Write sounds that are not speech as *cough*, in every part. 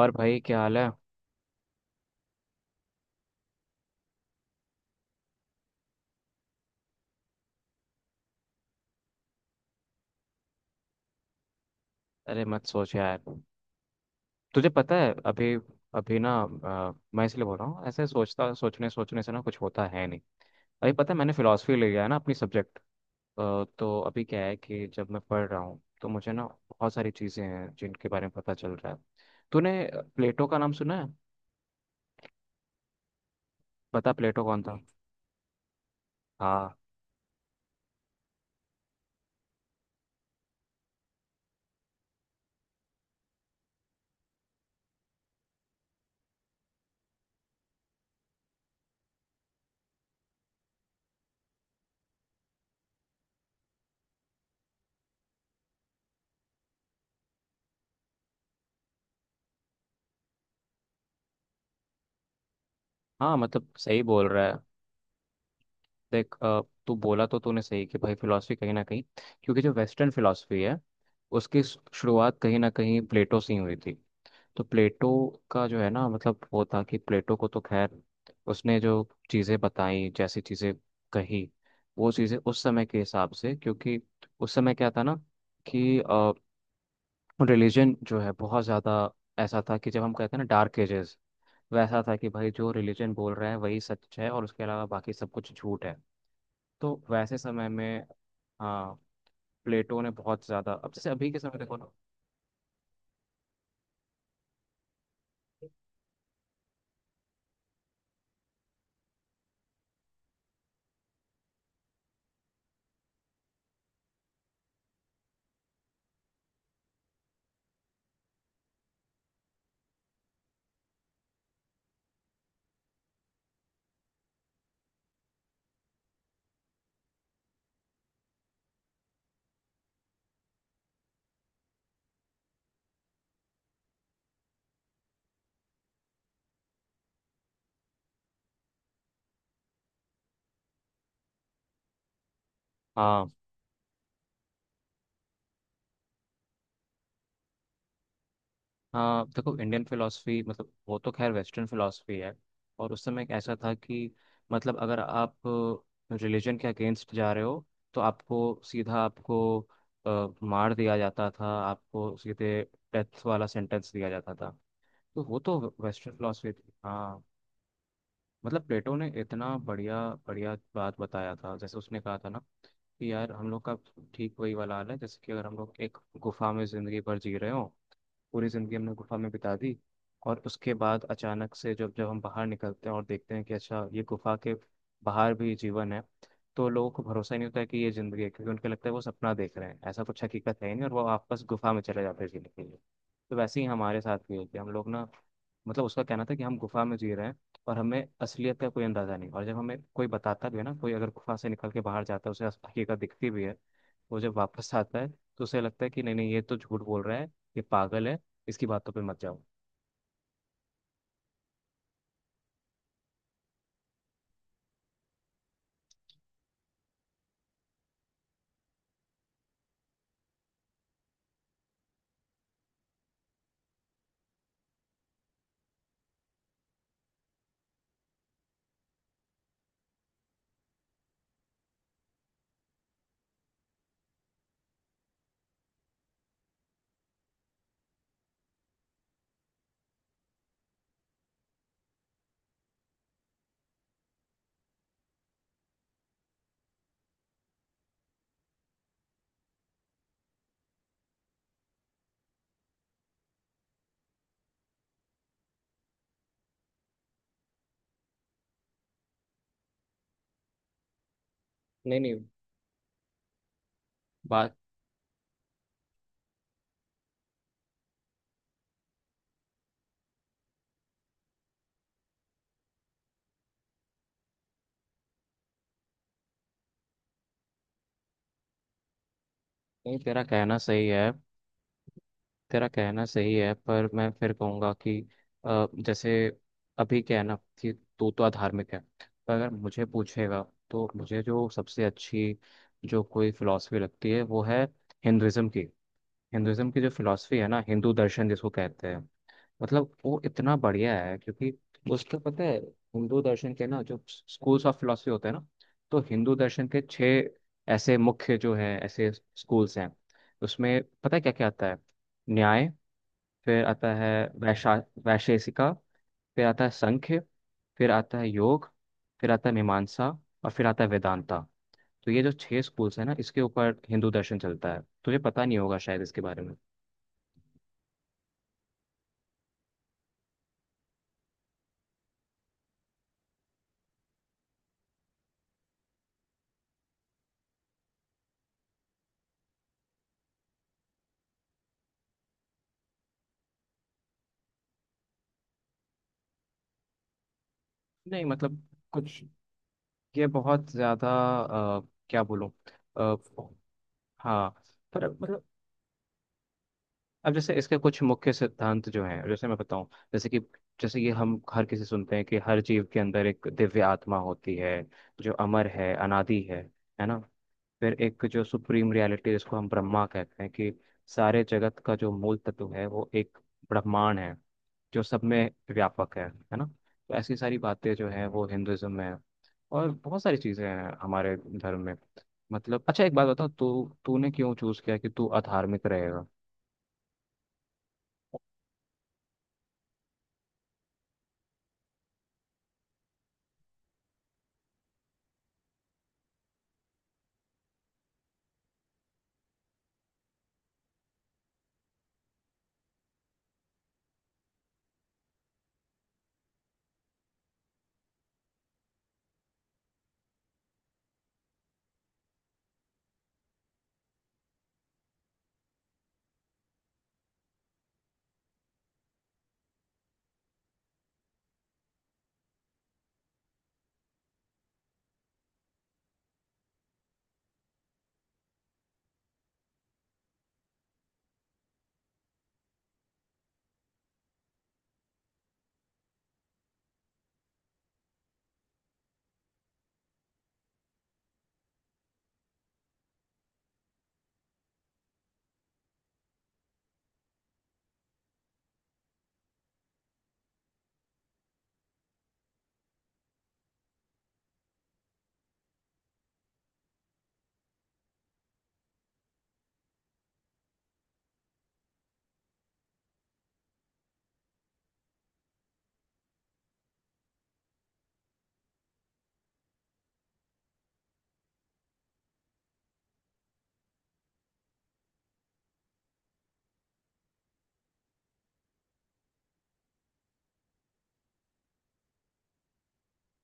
और भाई क्या हाल है? अरे मत सोच यार। तुझे पता है अभी। अभी ना, मैं इसलिए बोल रहा हूँ ऐसे सोचता सोचने सोचने से ना कुछ होता है नहीं। अभी पता है मैंने फिलोसफी ले लिया है ना अपनी सब्जेक्ट। तो अभी क्या है कि जब मैं पढ़ रहा हूँ तो मुझे ना बहुत सारी चीज़ें हैं जिनके बारे में पता चल रहा है। तूने प्लेटो का नाम सुना है? पता प्लेटो कौन था? हाँ। हाँ मतलब सही बोल रहा है। देख, तू बोला तो तूने सही कि भाई फिलॉसफी कहीं ना कहीं, क्योंकि जो वेस्टर्न फिलॉसफी है उसकी शुरुआत कहीं ना कहीं प्लेटो से ही हुई थी। तो प्लेटो का जो है ना, मतलब वो था कि प्लेटो को तो खैर, उसने जो चीज़ें बताई, जैसी चीज़ें कही, वो चीज़ें उस समय के हिसाब से, क्योंकि उस समय क्या था ना, कि रिलीजन जो है बहुत ज़्यादा ऐसा था कि, जब हम कहते हैं ना डार्क एजेस, वैसा था कि भाई जो रिलीजन बोल रहे हैं वही सच है और उसके अलावा बाकी सब कुछ झूठ है। तो वैसे समय में हाँ प्लेटो ने बहुत ज़्यादा। अब जैसे अभी के समय देखो ना। हाँ। हाँ देखो, इंडियन फिलोसफी मतलब वो तो खैर, वेस्टर्न फिलोसफी है। और उस समय एक ऐसा था कि मतलब अगर आप रिलीजन के अगेंस्ट जा रहे हो तो आपको सीधा, आपको मार दिया जाता था, आपको सीधे डेथ वाला सेंटेंस दिया जाता था। तो वो तो वेस्टर्न फिलोसफी थी। हाँ, मतलब प्लेटो ने इतना बढ़िया बढ़िया बात बताया था। जैसे उसने कहा था ना कि यार हम लोग का ठीक वही वाला हाल है जैसे कि अगर हम लोग एक गुफा में ज़िंदगी भर जी रहे हो, पूरी ज़िंदगी हमने गुफा में बिता दी, और उसके बाद अचानक से जब जब हम बाहर निकलते हैं और देखते हैं कि अच्छा ये गुफा के बाहर भी जीवन है, तो लोगों को भरोसा ही नहीं होता है कि ये ज़िंदगी है, क्योंकि उनको लगता है वो सपना देख रहे हैं, ऐसा कुछ हकीकत है ही नहीं, और वो वापस गुफा में चले जाते हैं जीने के लिए। तो वैसे ही हमारे साथ भी है, कि हम लोग ना मतलब, उसका कहना था कि हम गुफा में जी रहे हैं और हमें असलियत का कोई अंदाजा नहीं, और जब हमें कोई बताता भी है ना, कोई अगर गुफा से निकल के बाहर जाता है, उसे हकीकत दिखती भी है, वो जब वापस आता है तो उसे लगता है कि नहीं नहीं ये तो झूठ बोल रहा है, ये पागल है, इसकी बातों पे मत जाओ। नहीं नहीं बात, नहीं तेरा कहना सही है। तेरा कहना सही है, पर मैं फिर कहूँगा कि जैसे अभी क्या है ना, कि तू तो अधार्मिक है, पर अगर मुझे पूछेगा तो मुझे जो सबसे अच्छी जो कोई फिलॉसफी लगती है वो है हिंदुइज्म की। हिंदुइज्म की जो फिलॉसफी है ना, हिंदू दर्शन जिसको कहते हैं, मतलब वो इतना बढ़िया है। क्योंकि उसका पता है, हिंदू दर्शन के ना जो स्कूल्स ऑफ फिलॉसफी होते हैं ना, तो हिंदू दर्शन के छह ऐसे मुख्य जो है ऐसे स्कूल्स हैं। उसमें पता है क्या क्या आता है? न्याय, फिर आता है वैशा वैशेषिका, फिर आता है संख्य, फिर आता है योग, फिर आता है मीमांसा, और फिर आता है वेदांता। तो ये जो छह स्कूल्स हैं ना, इसके ऊपर हिंदू दर्शन चलता है। तुझे पता नहीं होगा शायद इसके बारे में। नहीं मतलब कुछ ये बहुत ज़्यादा, अ, क्या बोलूँ। हाँ, पर मतलब, अब जैसे इसके कुछ मुख्य सिद्धांत जो हैं, जैसे मैं बताऊं, जैसे कि, जैसे ये हम हर किसी सुनते हैं कि हर जीव के अंदर एक दिव्य आत्मा होती है जो अमर है, अनादि है ना। फिर एक जो सुप्रीम रियलिटी जिसको हम ब्रह्मा कहते हैं, कि सारे जगत का जो मूल तत्व है वो एक ब्रह्मांड है, जो सब में व्यापक है ना। तो ऐसी सारी बातें जो हैं वो हिंदुज्म में है, और बहुत सारी चीज़ें हैं हमारे धर्म में। मतलब अच्छा एक बात बताओ, तू तूने क्यों चूज किया कि तू अधार्मिक रहेगा?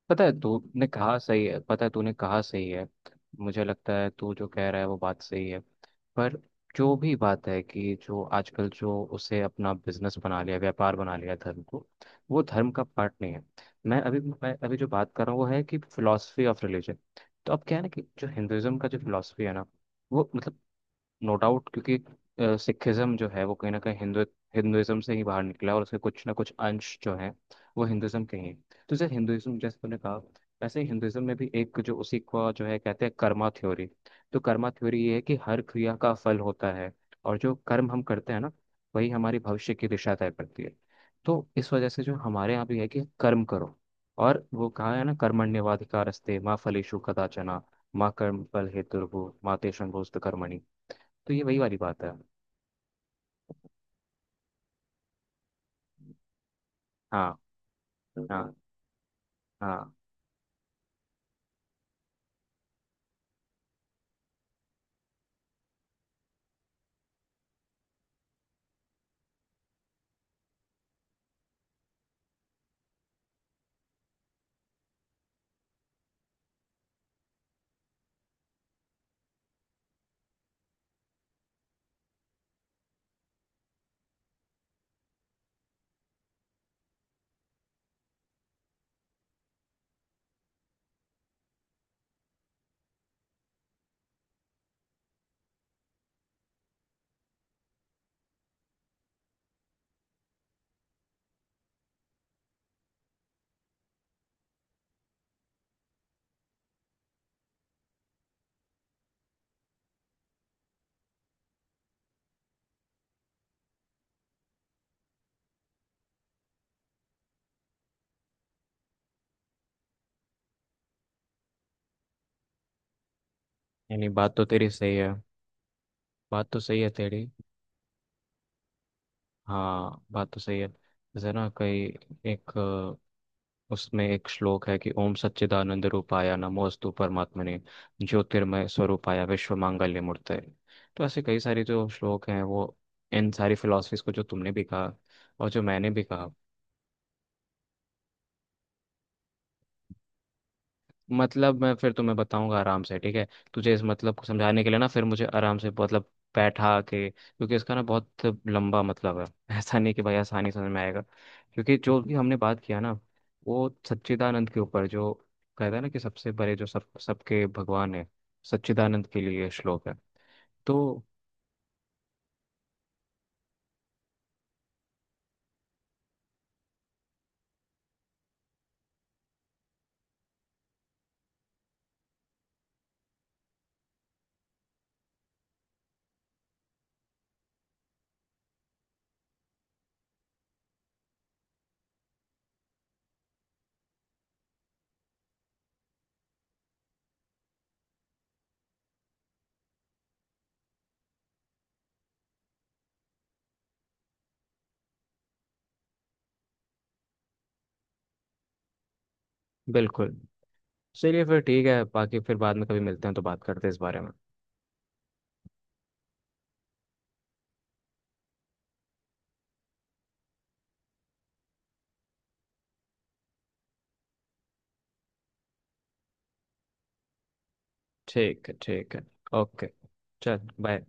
पता है तूने कहा सही है, पता है तूने कहा सही है। मुझे लगता है तू जो कह रहा है वो बात सही है, पर जो भी बात है कि जो आजकल जो उसे अपना बिजनेस बना लिया, व्यापार बना लिया धर्म को, वो धर्म का पार्ट नहीं है। मैं अभी जो बात कर रहा हूँ वो है कि फिलोसफी ऑफ रिलीजन। तो अब क्या है ना, कि जो हिंदुइज्म का जो फिलोसफी है ना, वो मतलब नो डाउट, क्योंकि सिखिज्म जो है वो कहीं ना कहीं हिंदू हिंदुइज्म से ही बाहर निकला, और उसके कुछ ना कुछ अंश जो हैं वो हिंदुइज्म के ही हैं। तो जैसे हिंदुइज्म जैसे तुमने कहा, वैसे ही हिंदुइज्म में भी एक जो उसी को जो है कहते हैं कर्मा थ्योरी। तो कर्मा थ्योरी ये है कि हर क्रिया का फल होता है, और जो कर्म हम करते हैं ना, वही हमारी भविष्य की दिशा तय करती है। तो इस वजह से जो हमारे यहाँ भी है कि कर्म करो, और वो कहा है ना, कर्मण्यवाधिकारस्ते माँ फलेषु कदाचन, माँ कर्म फल हेतुर्भुः माते शंभोस्त कर्मणि। तो ये वही वाली बात है। हाँ। हाँ। हाँ। यानी बात तो तेरी सही है। बात तो सही है तेरी। हाँ बात तो सही है। जैसे ना कई एक, उसमें एक श्लोक है कि ओम सच्चिदानंद रूपाय नमोस्तु परमात्मने, ज्योतिर्मय स्वरूपाय विश्व मांगल्य मूर्तये। तो ऐसे कई सारे जो श्लोक हैं, वो इन सारी फिलॉसफीज को जो तुमने भी कहा और जो मैंने भी कहा, मतलब मैं फिर तुम्हें बताऊंगा आराम से, ठीक है। तुझे इस मतलब को समझाने के लिए ना, फिर मुझे आराम से मतलब बैठा के, क्योंकि इसका ना बहुत लंबा मतलब है। *laughs* ऐसा नहीं कि भाई आसानी से समझ में आएगा। क्योंकि जो भी हमने बात किया ना, वो सच्चिदानंद के ऊपर जो कहता है ना, कि सबसे बड़े जो सब सबके भगवान है, सच्चिदानंद के लिए ये श्लोक है। तो बिल्कुल। चलिए फिर ठीक है, बाकी फिर बाद में कभी मिलते हैं तो बात करते हैं इस बारे में। ठीक है, ठीक है। ओके, चल बाय।